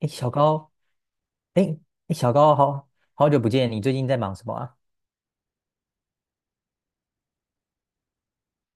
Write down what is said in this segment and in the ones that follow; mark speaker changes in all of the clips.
Speaker 1: 哎，小高，哎，哎，小高，好久不见，你最近在忙什么啊？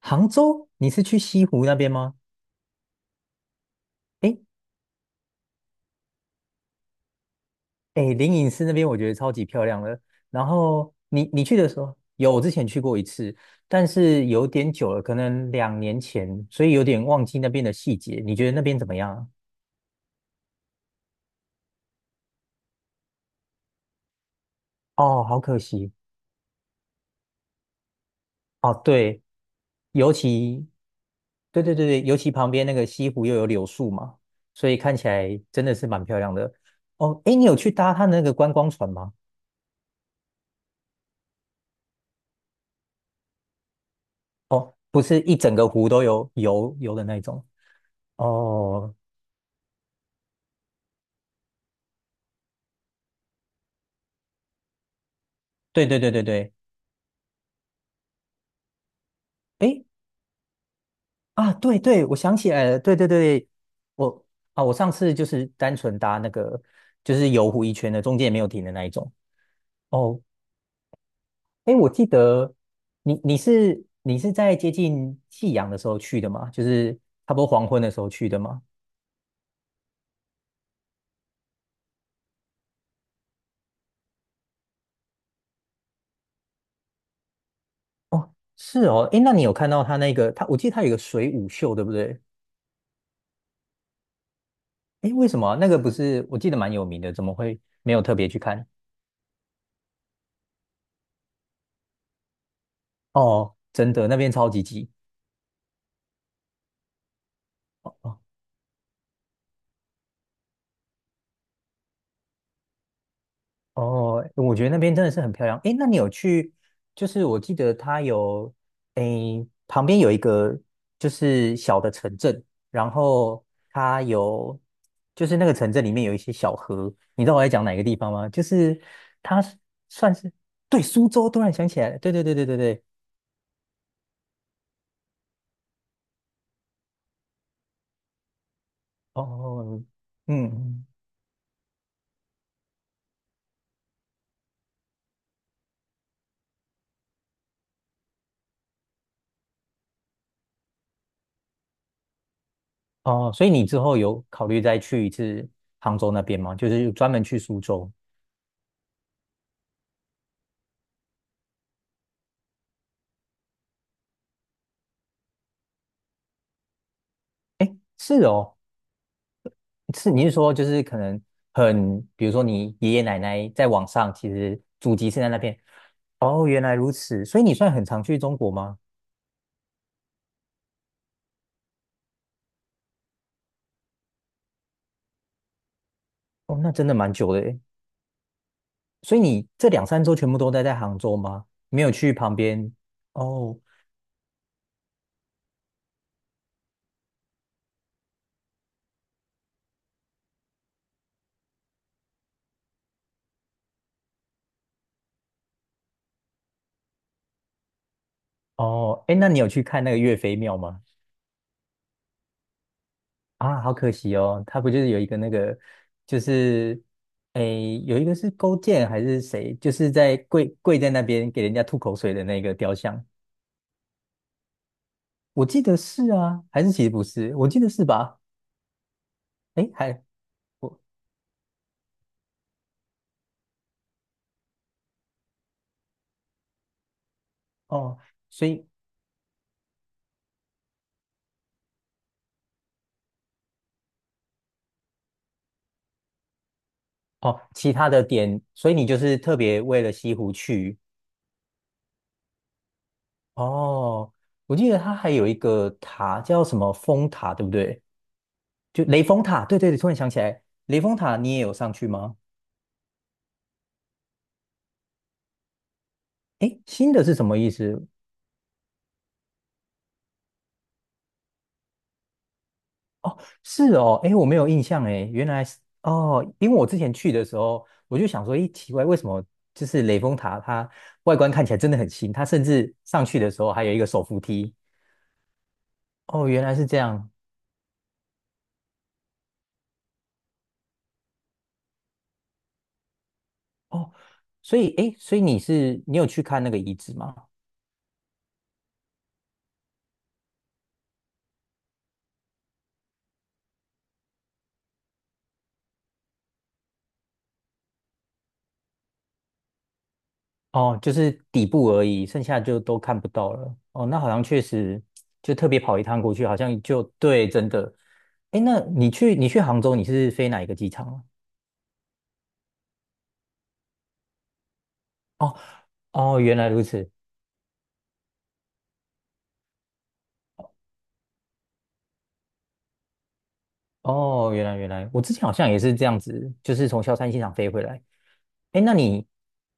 Speaker 1: 杭州，你是去西湖那边吗？哎，哎，灵隐寺那边我觉得超级漂亮了。然后你去的时候，有，我之前去过一次，但是有点久了，可能两年前，所以有点忘记那边的细节。你觉得那边怎么样啊？哦，好可惜。哦，对，尤其，对对对对，尤其旁边那个西湖又有柳树嘛，所以看起来真的是蛮漂亮的。哦，哎，你有去搭它那个观光船吗？不是一整个湖都有游的那种。哦，对对对对对，诶，啊，对对，我想起来了，对对对，我啊，我上次就是单纯搭那个就是游湖一圈的，中间也没有停的那一种。哦，哎，我记得你是在接近夕阳的时候去的吗？就是差不多黄昏的时候去的吗？是哦，哎，那你有看到他那个他？我记得他有一个水舞秀，对不对？哎，为什么啊那个不是？我记得蛮有名的，怎么会没有特别去看？哦，真的，那边超级挤。哦，我觉得那边真的是很漂亮。诶，那你有去？就是我记得它有，诶，旁边有一个就是小的城镇，然后它有，就是那个城镇里面有一些小河。你知道我在讲哪个地方吗？就是它是算是对苏州，突然想起来了，对对对对对对。哦，嗯，哦，所以你之后有考虑再去一次杭州那边吗？就是专门去苏州。是哦，是你是说就是可能很，比如说你爷爷奶奶在网上其实祖籍是在那边，哦，原来如此，所以你算很常去中国吗？哦，那真的蛮久的诶，所以你这两三周全部都待在杭州吗？没有去旁边？哦哦，哎，那你有去看那个岳飞庙吗？啊，好可惜哦，他不就是有一个那个，就是诶，有一个是勾践还是谁，就是在跪在那边给人家吐口水的那个雕像。我记得是啊，还是其实不是？我记得是吧？诶，还我哦，所以哦，其他的点，所以你就是特别为了西湖去哦。我记得它还有一个塔叫什么风塔，对不对？就雷峰塔，对对对，突然想起来，雷峰塔你也有上去吗？诶，新的是什么意思？哦，是哦，诶，我没有印象诶，原来是哦，因为我之前去的时候，我就想说，咦，奇怪，为什么就是雷峰塔它外观看起来真的很新，它甚至上去的时候还有一个手扶梯。哦，原来是这样。哦，所以诶，所以你是你有去看那个遗址吗？哦，就是底部而已，剩下就都看不到了。哦，那好像确实就特别跑一趟过去，好像就对，真的。诶，那你去你去杭州，你是飞哪一个机场啊？哦哦，原来如此。哦，原来，我之前好像也是这样子，就是从萧山机场飞回来。哎，那你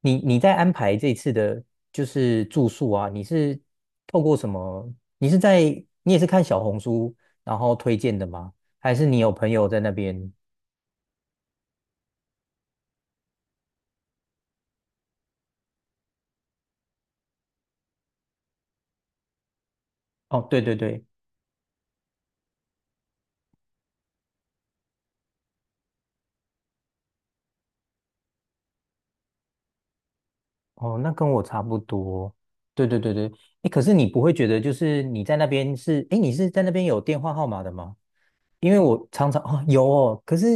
Speaker 1: 你在安排这次的，就是住宿啊，你是透过什么？你是在你也是看小红书然后推荐的吗？还是你有朋友在那边？哦，对对对，哦，那跟我差不多。对对对对，哎，可是你不会觉得就是你在那边是，哎，你是在那边有电话号码的吗？因为我常常哦有哦，可是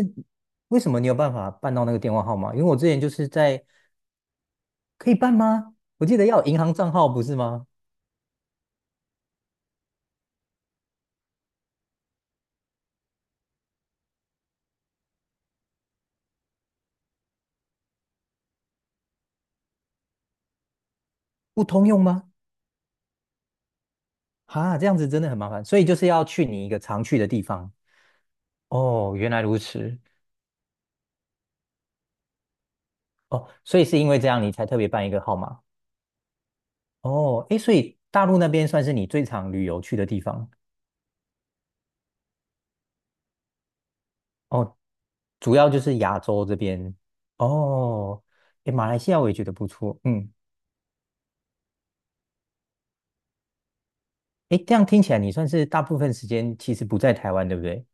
Speaker 1: 为什么你有办法办到那个电话号码？因为我之前就是在可以办吗？我记得要有银行账号不是吗？不通用吗？哈，这样子真的很麻烦，所以就是要去你一个常去的地方。哦，原来如此。哦，所以是因为这样你才特别办一个号码。哦，诶，所以大陆那边算是你最常旅游去的地方。哦，主要就是亚洲这边。哦，诶，马来西亚我也觉得不错。嗯，哎，这样听起来你算是大部分时间其实不在台湾，对不对？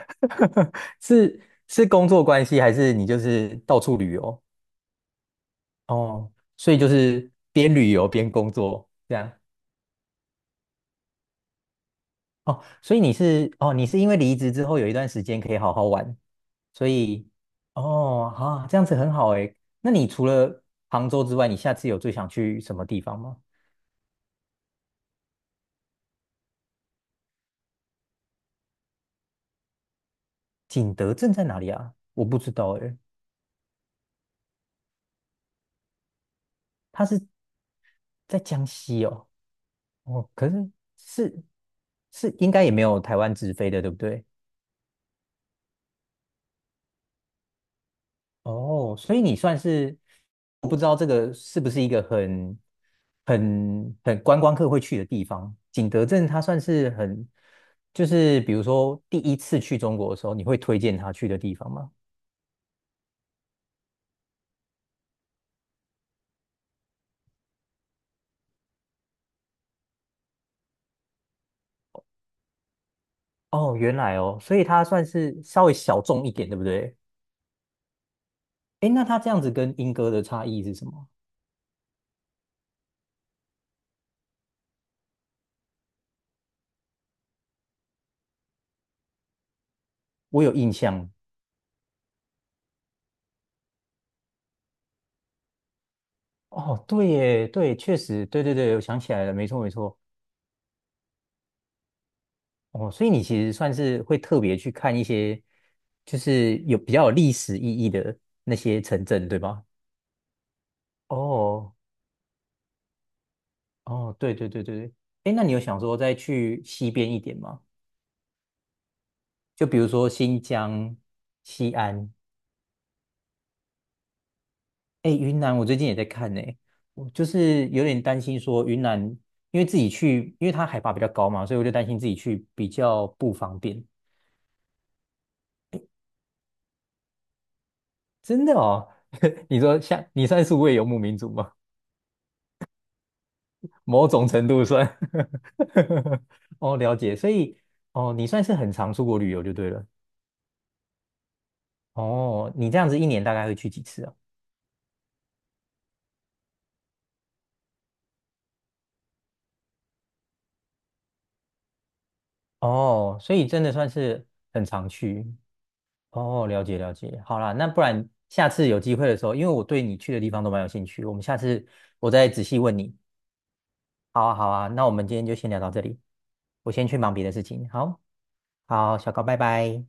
Speaker 1: 是是工作关系，还是你就是到处旅游？哦，所以就是边旅游边工作这样。哦，所以你是哦，你是因为离职之后有一段时间可以好好玩，所以哦，好、啊，这样子很好哎。那你除了杭州之外，你下次有最想去什么地方吗？景德镇在哪里啊？我不知道哎，它是在江西哦。哦，可是是是应该也没有台湾直飞的，对不对？哦，所以你算是我不知道这个是不是一个很观光客会去的地方。景德镇它算是很，就是比如说第一次去中国的时候，你会推荐他去的地方吗？哦，原来哦，所以它算是稍微小众一点，对不对？诶，那它这样子跟英哥的差异是什么？我有印象。哦，对耶，对，确实，对对对，我想起来了，没错没错。哦，所以你其实算是会特别去看一些，就是有比较有历史意义的那些城镇，对吗？哦，哦，对对对对对。哎，那你有想说再去西边一点吗？就比如说新疆、西安。哎，云南我最近也在看呢，我就是有点担心说云南，因为自己去，因为它海拔比较高嘛，所以我就担心自己去比较不方便。真的哦，你说像你算是数位游牧民族吗？某种程度算。哦，了解。所以，哦，你算是很常出国旅游就对了。哦，你这样子一年大概会去几次啊？哦，所以真的算是很常去。哦，了解了解。好啦，那不然下次有机会的时候，因为我对你去的地方都蛮有兴趣，我们下次我再仔细问你。好啊，好啊，那我们今天就先聊到这里，我先去忙别的事情。好，好，小高，拜拜。